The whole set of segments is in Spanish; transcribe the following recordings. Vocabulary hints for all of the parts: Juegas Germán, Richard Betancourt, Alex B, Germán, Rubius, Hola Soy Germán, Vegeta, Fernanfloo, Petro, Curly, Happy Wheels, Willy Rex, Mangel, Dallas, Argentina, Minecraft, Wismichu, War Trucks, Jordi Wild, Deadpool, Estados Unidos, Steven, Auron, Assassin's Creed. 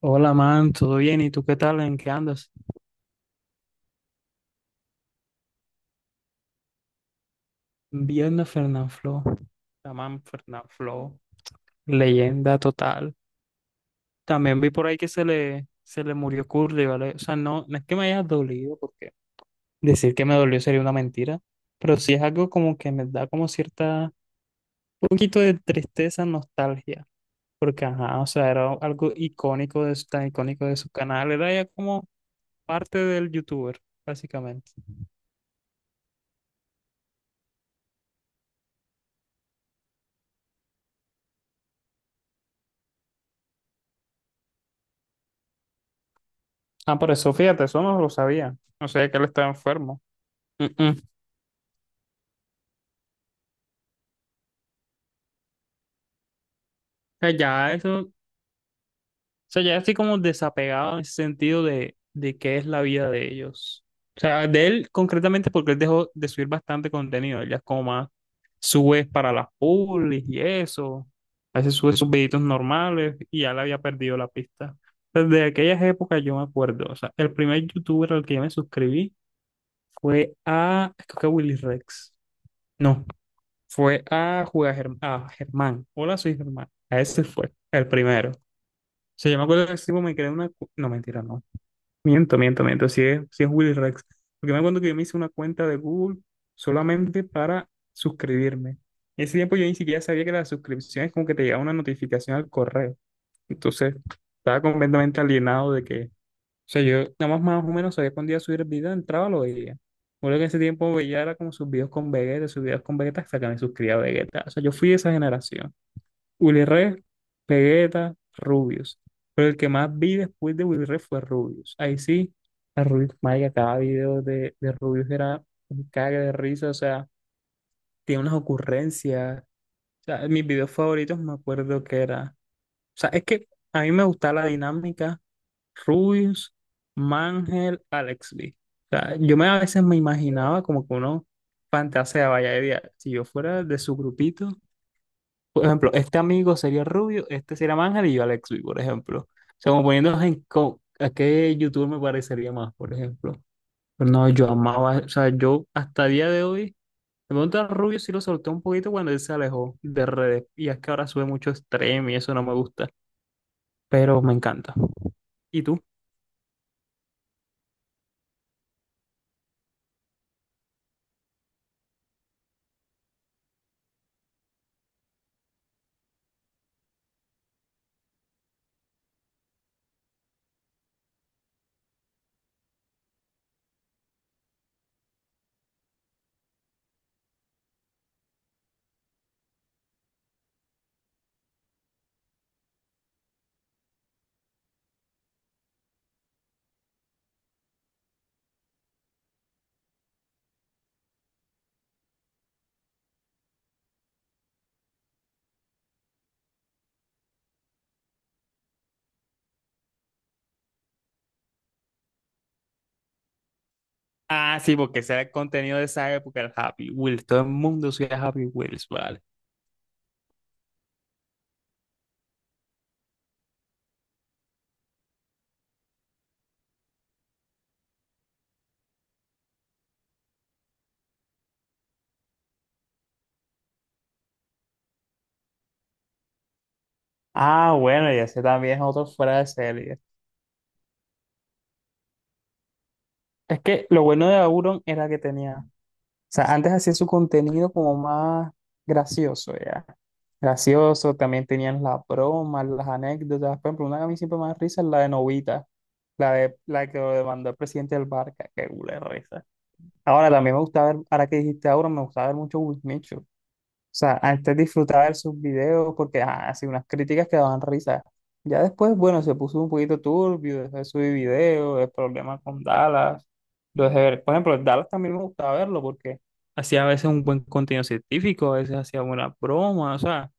Hola, man, ¿todo bien? ¿Y tú qué tal? ¿En qué andas? Viendo Fernanfloo, la man Fernanfloo, leyenda total. También vi por ahí que se le murió Curly, ¿vale? O sea, no es que me haya dolido, porque decir que me dolió sería una mentira, pero sí es algo como que me da como cierta, un poquito de tristeza, nostalgia, porque ajá, o sea, era algo icónico de, tan icónico de su canal, era ya como parte del youtuber, básicamente. Ah, por eso, fíjate, eso no lo sabía. No sabía que él estaba enfermo. Mm. O sea, ya eso, o sea, ya estoy como desapegado en ese sentido de qué es la vida de ellos. O sea, de él concretamente porque él dejó de subir bastante contenido. Él ya es como más, sube para las publis y eso. A veces sube sus videitos normales y ya le había perdido la pista. Desde aquellas épocas yo me acuerdo. O sea, el primer youtuber al que yo me suscribí fue a, creo que a Willy Rex. No, fue a a Germán. Hola, soy Germán. A ese fue el primero. Sea, yo me acuerdo que ese tipo me creó una... No, mentira, no. Miento. Sí es Willy Rex. Porque me acuerdo que yo me hice una cuenta de Google solamente para suscribirme. En ese tiempo yo ni siquiera sabía que las suscripciones como que te llegaba una notificación al correo. Entonces, estaba completamente alienado de que... O sea, yo nada más más o menos sabía cuándo iba a subir el video, entraba, lo veía. Me que en ese tiempo veía era como sus videos con Vegeta, sus videos con Vegeta hasta que me suscribía a Vegeta. O sea, yo fui de esa generación. Willy Rex, Vegeta, Rubius. Pero el que más vi después de Willy Rex fue Rubius. Ahí sí, a Rubius, marica, cada video de Rubius era un cague de risa, o sea, tiene unas ocurrencias. O sea, mis videos favoritos me acuerdo que era. O sea, es que a mí me gustaba la dinámica Rubius, Mangel, Alex B. O sea, a veces me imaginaba como que uno fantaseaba, vaya, idea, si yo fuera de su grupito. Por ejemplo, este amigo sería Rubio, este sería Ángel y yo Alexui, por ejemplo. O sea, como poniéndonos en a qué youtuber me parecería más, por ejemplo. Pero no, yo amaba, o sea, yo hasta día de hoy, me pregunta Rubio si lo solté un poquito cuando él se alejó de redes. Y es que ahora sube mucho stream y eso no me gusta, pero me encanta. ¿Y tú? Ah, sí, porque ese era el contenido de esa época, el Happy Wheels. Todo el mundo subía Happy Wheels, vale. Ah, bueno, y ese también es otro fuera de serie. Es que lo bueno de Auron era que tenía sea, antes hacía su contenido como más gracioso, ya. Gracioso, también tenían las bromas, las anécdotas. Por ejemplo, una que a mí siempre me da risa es la de Novita, la de la que lo demandó el presidente del Barca, qué culero esa. Ahora también me gusta ver, ahora que dijiste ahora, me gusta ver mucho Wismichu sea, antes disfrutaba de sus videos porque ah, hacía unas críticas que daban risa. Ya después, bueno, se puso un poquito turbio, dejé de subir videos, el problema con Dallas. Lo dejé ver. Por ejemplo, Dallas también me gustaba verlo porque hacía a veces un buen contenido científico, a veces hacía buenas bromas, o sea.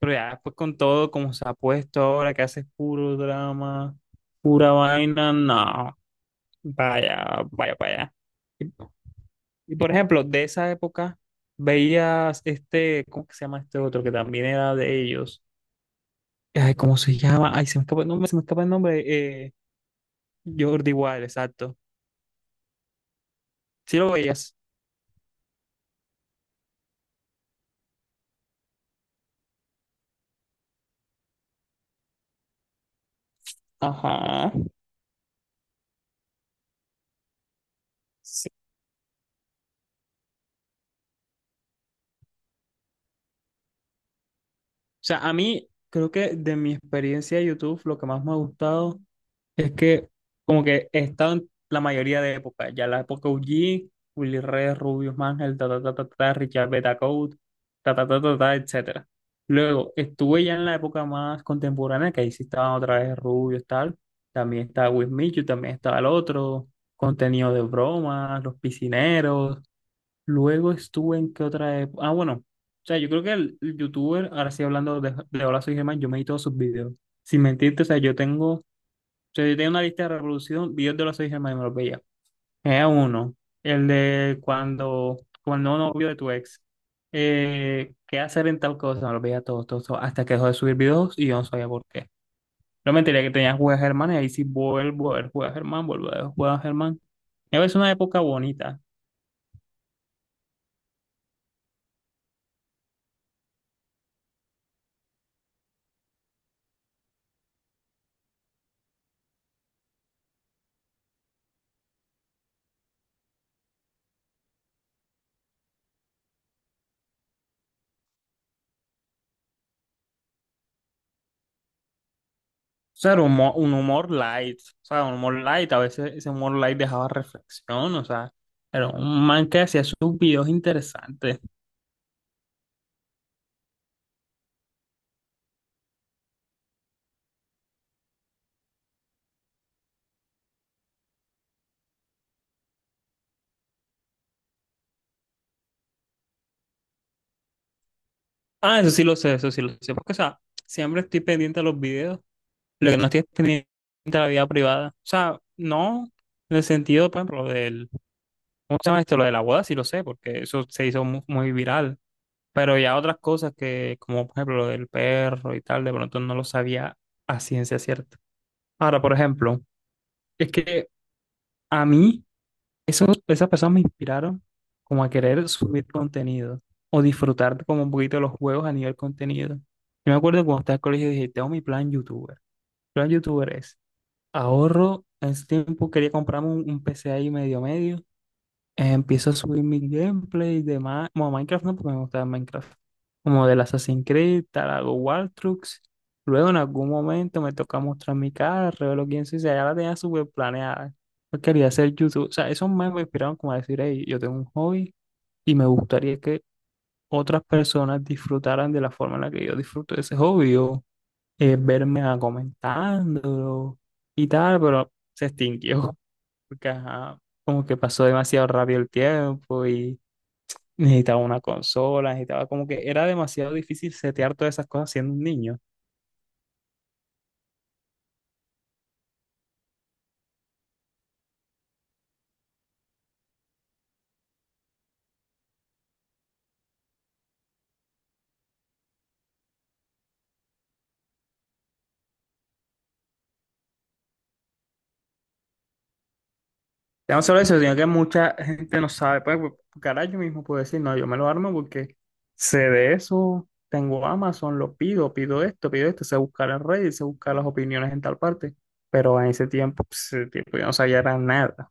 Pero ya después con todo como se ha puesto ahora, que hace puro drama, pura vaina, no, vaya, vaya para allá. Y por ejemplo, de esa época veías este, ¿cómo que se llama este otro que también era de ellos? Ay, ¿cómo se llama? Ay, se me escapa el nombre, se me escapa el nombre. eh, Jordi Wild, exacto. Sí lo veías. Ajá. Sí. O sea, a mí creo que de mi experiencia de YouTube, lo que más me ha gustado. Es que como que he estado en la mayoría de épocas, ya la época OG, Willy Red, Rubius Mangel, ta ta ta ta ta, Richard Betancourt, ta ta ta ta ta, etcétera. Luego estuve ya en la época más contemporánea, que ahí sí estaban otra vez Rubius tal, también estaba With Michu, también estaba el otro, contenido de bromas, los piscineros. Luego estuve en qué otra época, ah bueno, o sea yo creo que el youtuber, ahora sí hablando de Hola Soy Germán, yo me vi todos sus videos. Sin mentirte, o sea, yo tengo sea, yo tenía una lista de reproducción, videos de los 6 hermanos y me los veía. Era uno, el de cuando, cuando no novio de tu ex, qué hacer en tal cosa, me los veía todos, hasta que dejó de subir videos y yo no sabía por qué. No me enteré que tenía Juegas Germán y ahí sí vuelvo a ver Juegas Germán, vuelvo a ver Juegas Germán. Y a veces una época bonita. O sea, era un humor light, o sea, un humor light, a veces ese humor light dejaba reflexión, o sea, era un man que hacía sus videos interesantes. Ah, eso sí lo sé, eso sí lo sé. Porque, o sea, siempre estoy pendiente a los videos. Lo que no estoy es pendiente a la vida privada. O sea, no en el sentido, por ejemplo, del. ¿Cómo se llama esto? Lo de la boda, sí lo sé, porque eso se hizo muy, viral. Pero ya otras cosas que, como por ejemplo, lo del perro y tal, de pronto no lo sabía a ciencia cierta. Ahora, por ejemplo, es que a mí. Esos, esas personas me inspiraron como a querer subir contenido o disfrutar como un poquito de los juegos a nivel contenido. Yo me acuerdo que cuando estaba en el colegio dije, tengo mi plan youtuber. Mi plan youtuber es ahorro, en ese tiempo quería comprarme un PC ahí medio medio empiezo a subir mis gameplays de bueno, Minecraft, no, porque me gustaba Minecraft. Como del Assassin's Creed, tal, hago War Trucks. Luego en algún momento me toca mostrar mi cara, revelo quién soy, o sea, ya la tenía súper planeada. Yo quería hacer YouTube. O sea, esos memes me inspiraron como a decir, hey, yo tengo un hobby y me gustaría que otras personas disfrutaran de la forma en la que yo disfruto de ese hobby o verme a comentándolo y tal, pero se extinguió. Porque, ajá, como que pasó demasiado rápido el tiempo. Necesitaba una consola, necesitaba como que era demasiado difícil setear todas esas cosas siendo un niño. Ya no solo eso, sino que mucha gente no sabe. Pues, caray, yo mismo puedo decir, no, yo me lo armo porque sé de eso, tengo Amazon, lo pido, pido esto, sé buscar en Reddit, sé buscar las opiniones en tal parte. Pero en ese tiempo, pues, ese tiempo yo no sabía era nada.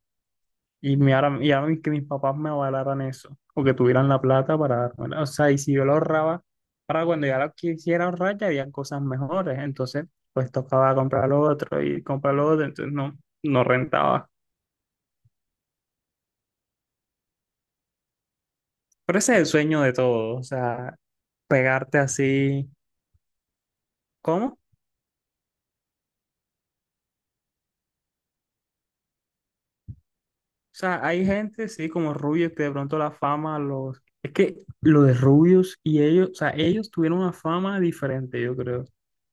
Y, y ahora que mis papás me avalaran eso, o que tuvieran la plata para dármela. O sea, y si yo lo ahorraba, para cuando ya lo quisiera ahorrar, ya habían cosas mejores. Entonces, pues tocaba comprar lo otro y comprar lo otro, entonces no rentaba. Pero ese es el sueño de todo, o sea, pegarte así. ¿Cómo? O sea, hay gente, sí, como Rubius, que de pronto la fama los... Es que lo de Rubius y ellos, o sea, ellos tuvieron una fama diferente, yo creo.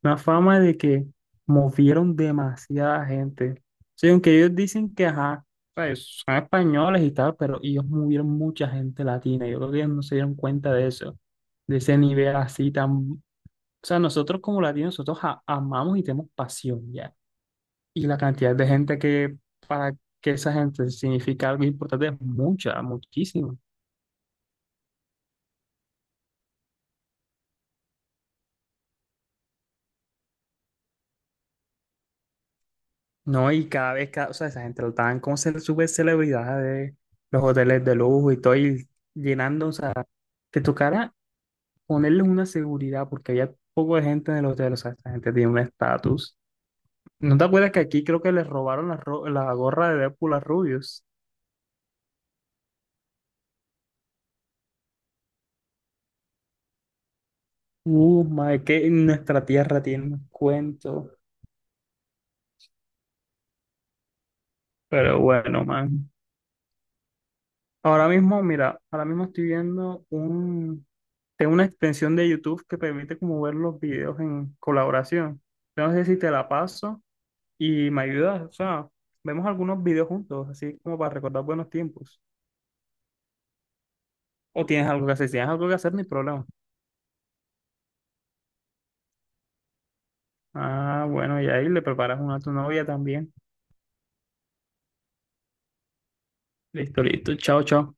Una fama de que movieron demasiada gente. O sea, aunque ellos dicen que, ajá, pues, son españoles y tal, pero ellos movieron mucha gente latina. Yo creo que ellos no se dieron cuenta de eso, de ese nivel así tan... O sea, nosotros como latinos, nosotros amamos y tenemos pasión, ya. Y la cantidad de gente que, para que esa gente significa algo importante es mucha, muchísima. No, y cada vez, o sea, esa gente lo estaban como ser súper celebridad de los hoteles de lujo y todo, y llenando, o sea, te tocara ponerles una seguridad porque había poco de gente en el hotel, o sea, esa gente tiene un estatus. ¿No te acuerdas que aquí creo que les robaron la gorra de Deadpool a Rubius? Madre, que nuestra tierra tiene un cuento. Pero bueno, man. Ahora mismo, mira, ahora mismo estoy viendo un, tengo una extensión de YouTube que permite como ver los videos en colaboración. No sé si te la paso y me ayudas, o sea, vemos algunos videos juntos, así como para recordar buenos tiempos. O tienes algo que hacer, si tienes algo que hacer, ni problema. Ah, bueno, y ahí le preparas una a tu novia también. Listo, listo, chao, chao.